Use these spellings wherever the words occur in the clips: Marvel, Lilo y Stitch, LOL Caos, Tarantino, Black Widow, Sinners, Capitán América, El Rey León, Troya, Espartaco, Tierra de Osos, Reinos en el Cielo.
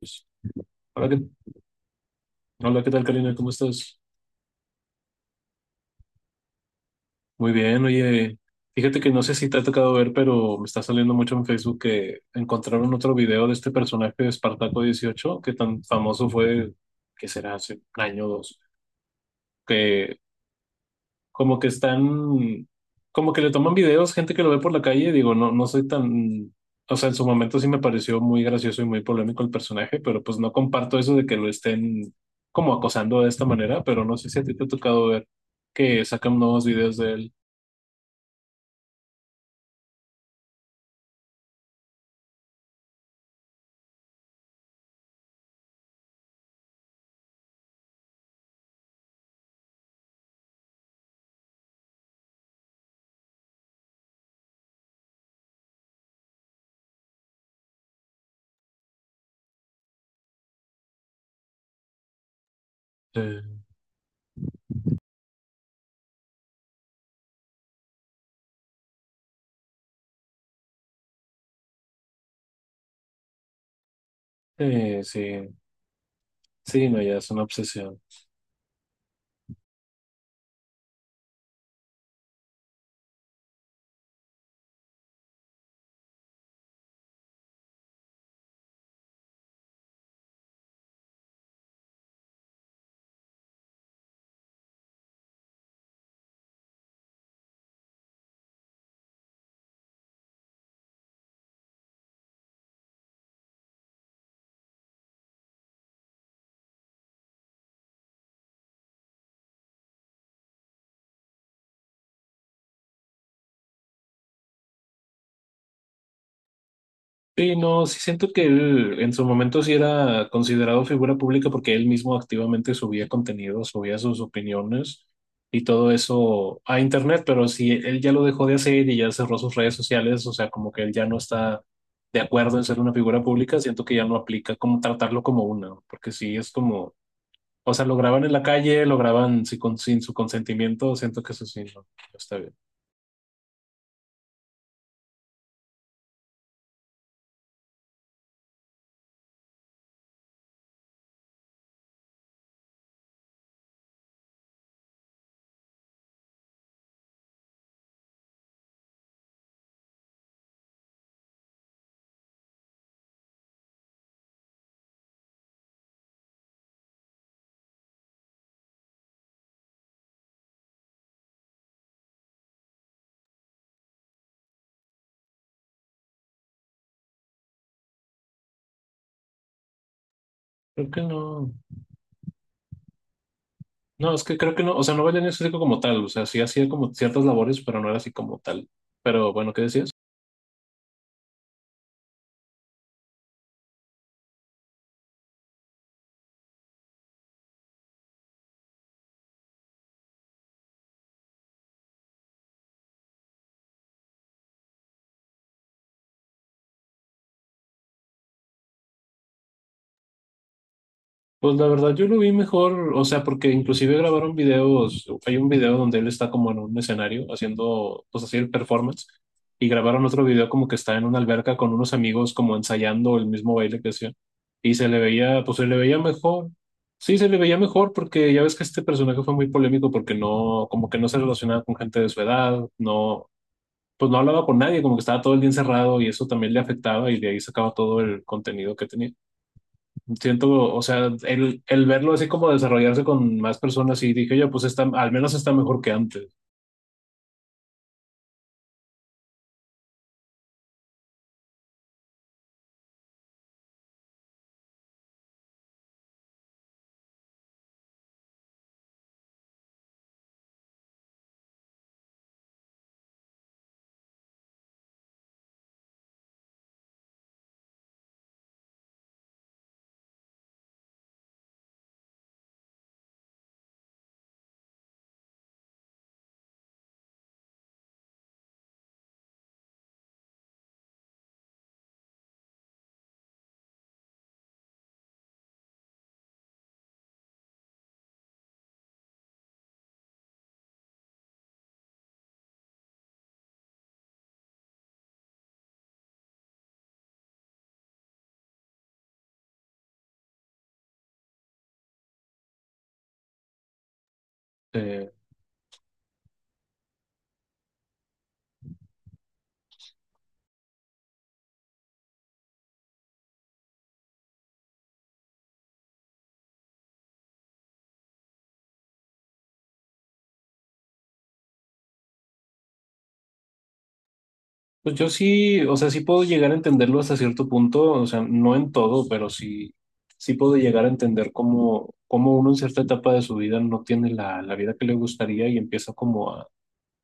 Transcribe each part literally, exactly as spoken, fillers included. Pues, Hola, ¿qué, hola, ¿qué tal, Karina? ¿Cómo estás? Muy bien, oye, fíjate que no sé si te ha tocado ver, pero me está saliendo mucho en Facebook que encontraron otro video de este personaje de Espartaco dieciocho que tan famoso fue, que será hace un año o dos, que como que están, como que le toman videos, gente que lo ve por la calle, digo, no, no soy tan, o sea, en su momento sí me pareció muy gracioso y muy polémico el personaje, pero pues no comparto eso de que lo estén como acosando de esta manera, pero no sé si a ti te ha tocado ver que sacan nuevos videos de él. Sí. Eh, sí, sí, no, ya es una obsesión. Sí, no, sí siento que él en su momento sí era considerado figura pública porque él mismo activamente subía contenido, subía sus opiniones y todo eso a internet, pero si él ya lo dejó de hacer y ya cerró sus redes sociales, o sea, como que él ya no está de acuerdo en ser una figura pública, siento que ya no aplica como tratarlo como una, porque sí es como, o sea, lo graban en la calle, lo graban sin, con- sin su consentimiento, siento que eso sí no no está bien. Creo que no. No, es que creo que no, o sea, no bailé en específico como tal, o sea, sí hacía como ciertas labores, pero no era así como tal. Pero bueno, ¿qué decías? Pues la verdad yo lo vi mejor, o sea, porque inclusive grabaron videos, hay un video donde él está como en un escenario haciendo, pues así el performance, y grabaron otro video como que está en una alberca con unos amigos como ensayando el mismo baile que hacía, y se le veía, pues se le veía mejor, sí, se le veía mejor porque ya ves que este personaje fue muy polémico porque no, como que no se relacionaba con gente de su edad, no pues no hablaba con nadie, como que estaba todo el día encerrado y eso también le afectaba y de ahí sacaba todo el contenido que tenía. Siento, o sea, el, el verlo así como desarrollarse con más personas y dije, oye, pues está, al menos está mejor que antes. Eh, pues yo sí, o sea, sí puedo llegar a entenderlo hasta cierto punto, o sea, no en todo, pero sí, sí puedo llegar a entender cómo, cómo uno en cierta etapa de su vida no tiene la, la vida que le gustaría y empieza como a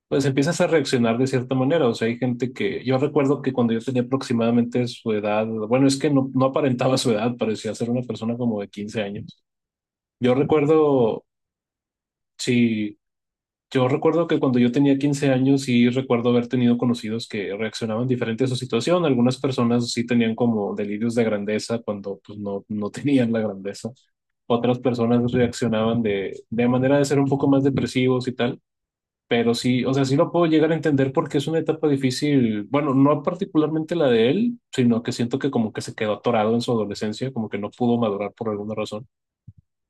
pues empiezas a reaccionar de cierta manera. O sea, hay gente que yo recuerdo que cuando yo tenía aproximadamente su edad, bueno, es que no, no aparentaba su edad, parecía ser una persona como de quince años. Yo recuerdo, sí, yo recuerdo que cuando yo tenía quince años sí recuerdo haber tenido conocidos que reaccionaban diferente a su situación. Algunas personas sí tenían como delirios de grandeza cuando pues no, no tenían la grandeza. Otras personas reaccionaban de, de manera de ser un poco más depresivos y tal. Pero sí, o sea, sí lo puedo llegar a entender porque es una etapa difícil, bueno, no particularmente la de él, sino que siento que como que se quedó atorado en su adolescencia, como que no pudo madurar por alguna razón.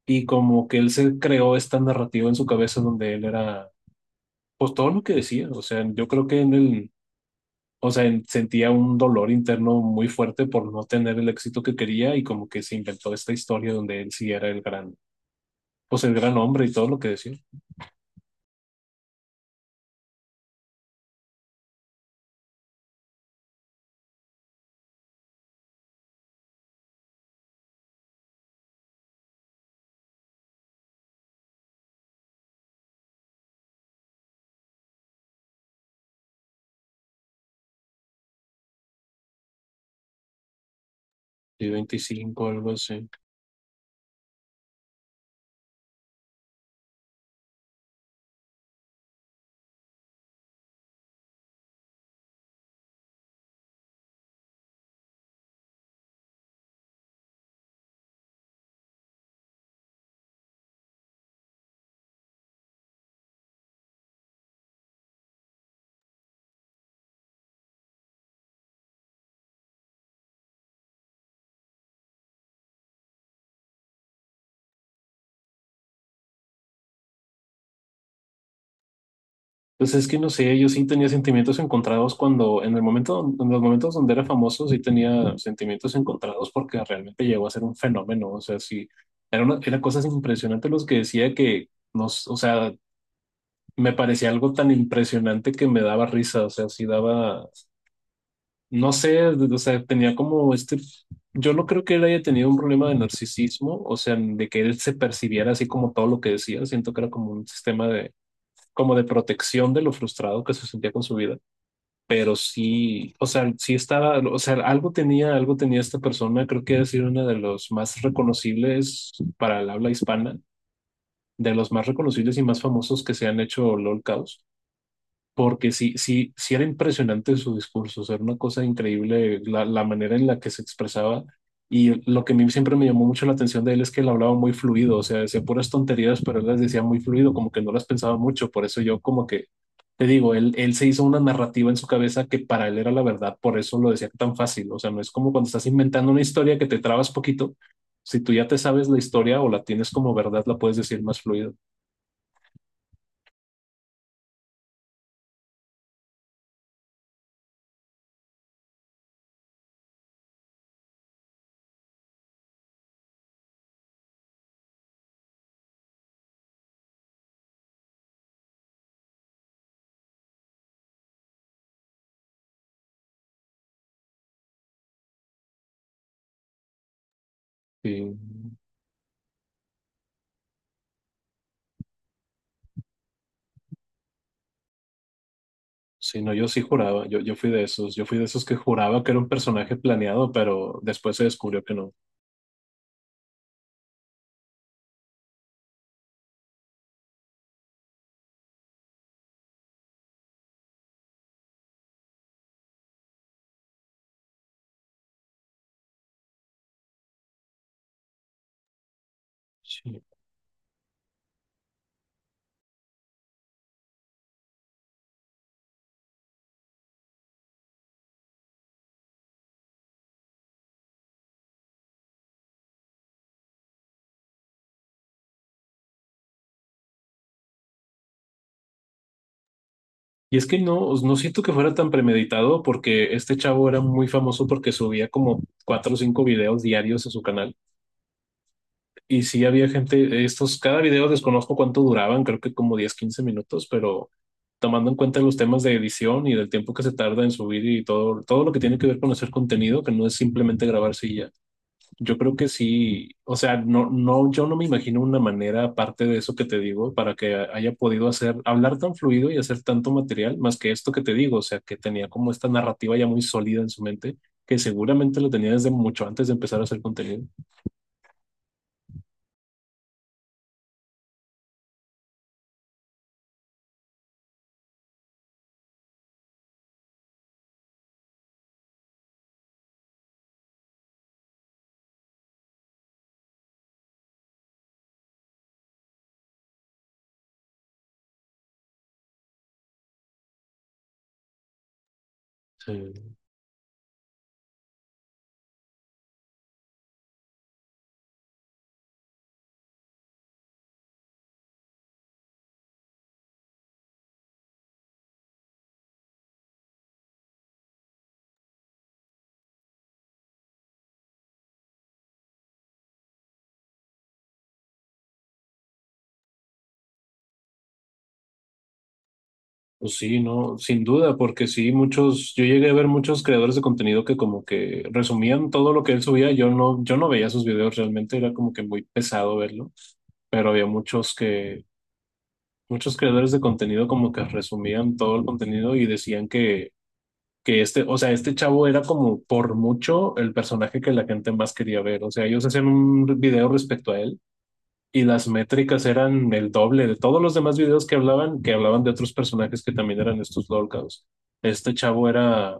Y como que él se creó esta narrativa en su cabeza donde él era, pues todo lo que decía, o sea, yo creo que en el, o sea, en- sentía un dolor interno muy fuerte por no tener el éxito que quería y como que se inventó esta historia donde él sí era el gran, pues el gran hombre y todo lo que decía. Y veinticinco algo así. Pues es que no sé, yo sí tenía sentimientos encontrados cuando, en el momento, en los momentos donde era famoso, sí tenía sentimientos encontrados porque realmente llegó a ser un fenómeno. O sea, sí, era una, era cosas impresionantes los que decía que nos, o sea, me parecía algo tan impresionante que me daba risa. O sea, sí daba, no sé, o sea, tenía como este, yo no creo que él haya tenido un problema de narcisismo, o sea, de que él se percibiera así como todo lo que decía. Siento que era como un sistema de, como de protección de lo frustrado que se sentía con su vida pero sí, o sea, sí estaba, o sea, algo tenía, algo tenía esta persona, creo que es una de los más reconocibles para el habla hispana, de los más reconocibles y más famosos que se han hecho LOL Caos porque sí, sí, sí era impresionante su discurso, o sea, era una cosa increíble la, la manera en la que se expresaba. Y lo que a mí siempre me llamó mucho la atención de él es que él hablaba muy fluido, o sea, decía puras tonterías, pero él las decía muy fluido, como que no las pensaba mucho. Por eso yo como que, te digo, él, él se hizo una narrativa en su cabeza que para él era la verdad, por eso lo decía tan fácil. O sea, no es como cuando estás inventando una historia que te trabas poquito. Si tú ya te sabes la historia o la tienes como verdad, la puedes decir más fluido. Sí. Sí, no, yo sí juraba, yo, yo fui de esos, yo fui de esos que juraba que era un personaje planeado, pero después se descubrió que no. Sí. Y es que no, no siento que fuera tan premeditado porque este chavo era muy famoso porque subía como cuatro o cinco videos diarios a su canal. Y sí había gente, estos, cada video desconozco cuánto duraban, creo que como diez quince minutos, pero tomando en cuenta los temas de edición y del tiempo que se tarda en subir y todo, todo lo que tiene que ver con hacer contenido, que no es simplemente grabarse. Yo creo que sí, o sea, no, no, yo no me imagino una manera, aparte de eso que te digo, para que haya podido hacer, hablar tan fluido y hacer tanto material, más que esto que te digo, o sea, que tenía como esta narrativa ya muy sólida en su mente, que seguramente lo tenía desde mucho antes de empezar a hacer contenido. Sí. Pues sí, no, sin duda, porque sí, muchos, yo llegué a ver muchos creadores de contenido que como que resumían todo lo que él subía, yo no, yo no veía sus videos realmente, era como que muy pesado verlo, pero había muchos que muchos creadores de contenido como que resumían todo el contenido y decían que, que este, o sea, este chavo era como por mucho el personaje que la gente más quería ver. O sea, ellos hacían un video respecto a él y las métricas eran el doble de todos los demás videos que hablaban, que hablaban de otros personajes que también eran estos lolcados. Este chavo era,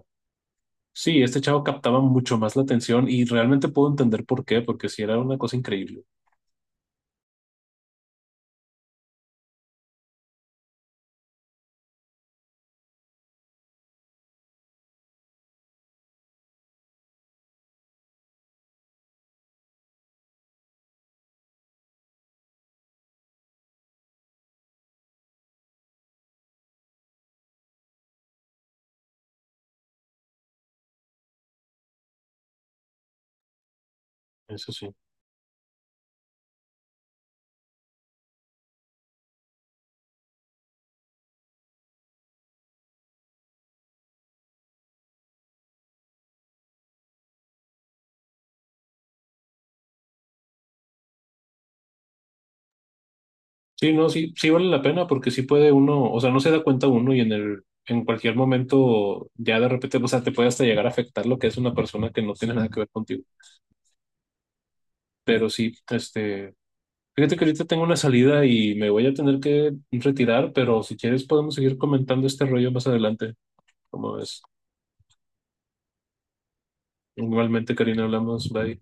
sí, este chavo captaba mucho más la atención y realmente puedo entender por qué, porque sí era una cosa increíble. Eso sí. Sí, no, sí, sí vale la pena porque sí puede uno, o sea, no se da cuenta uno y en el, en cualquier momento ya de repente, o sea, te puede hasta llegar a afectar lo que es una persona que no tiene nada que ver contigo. Pero sí, este, fíjate que ahorita tengo una salida y me voy a tener que retirar, pero si quieres podemos seguir comentando este rollo más adelante, como es. Igualmente, Karina, hablamos, bye.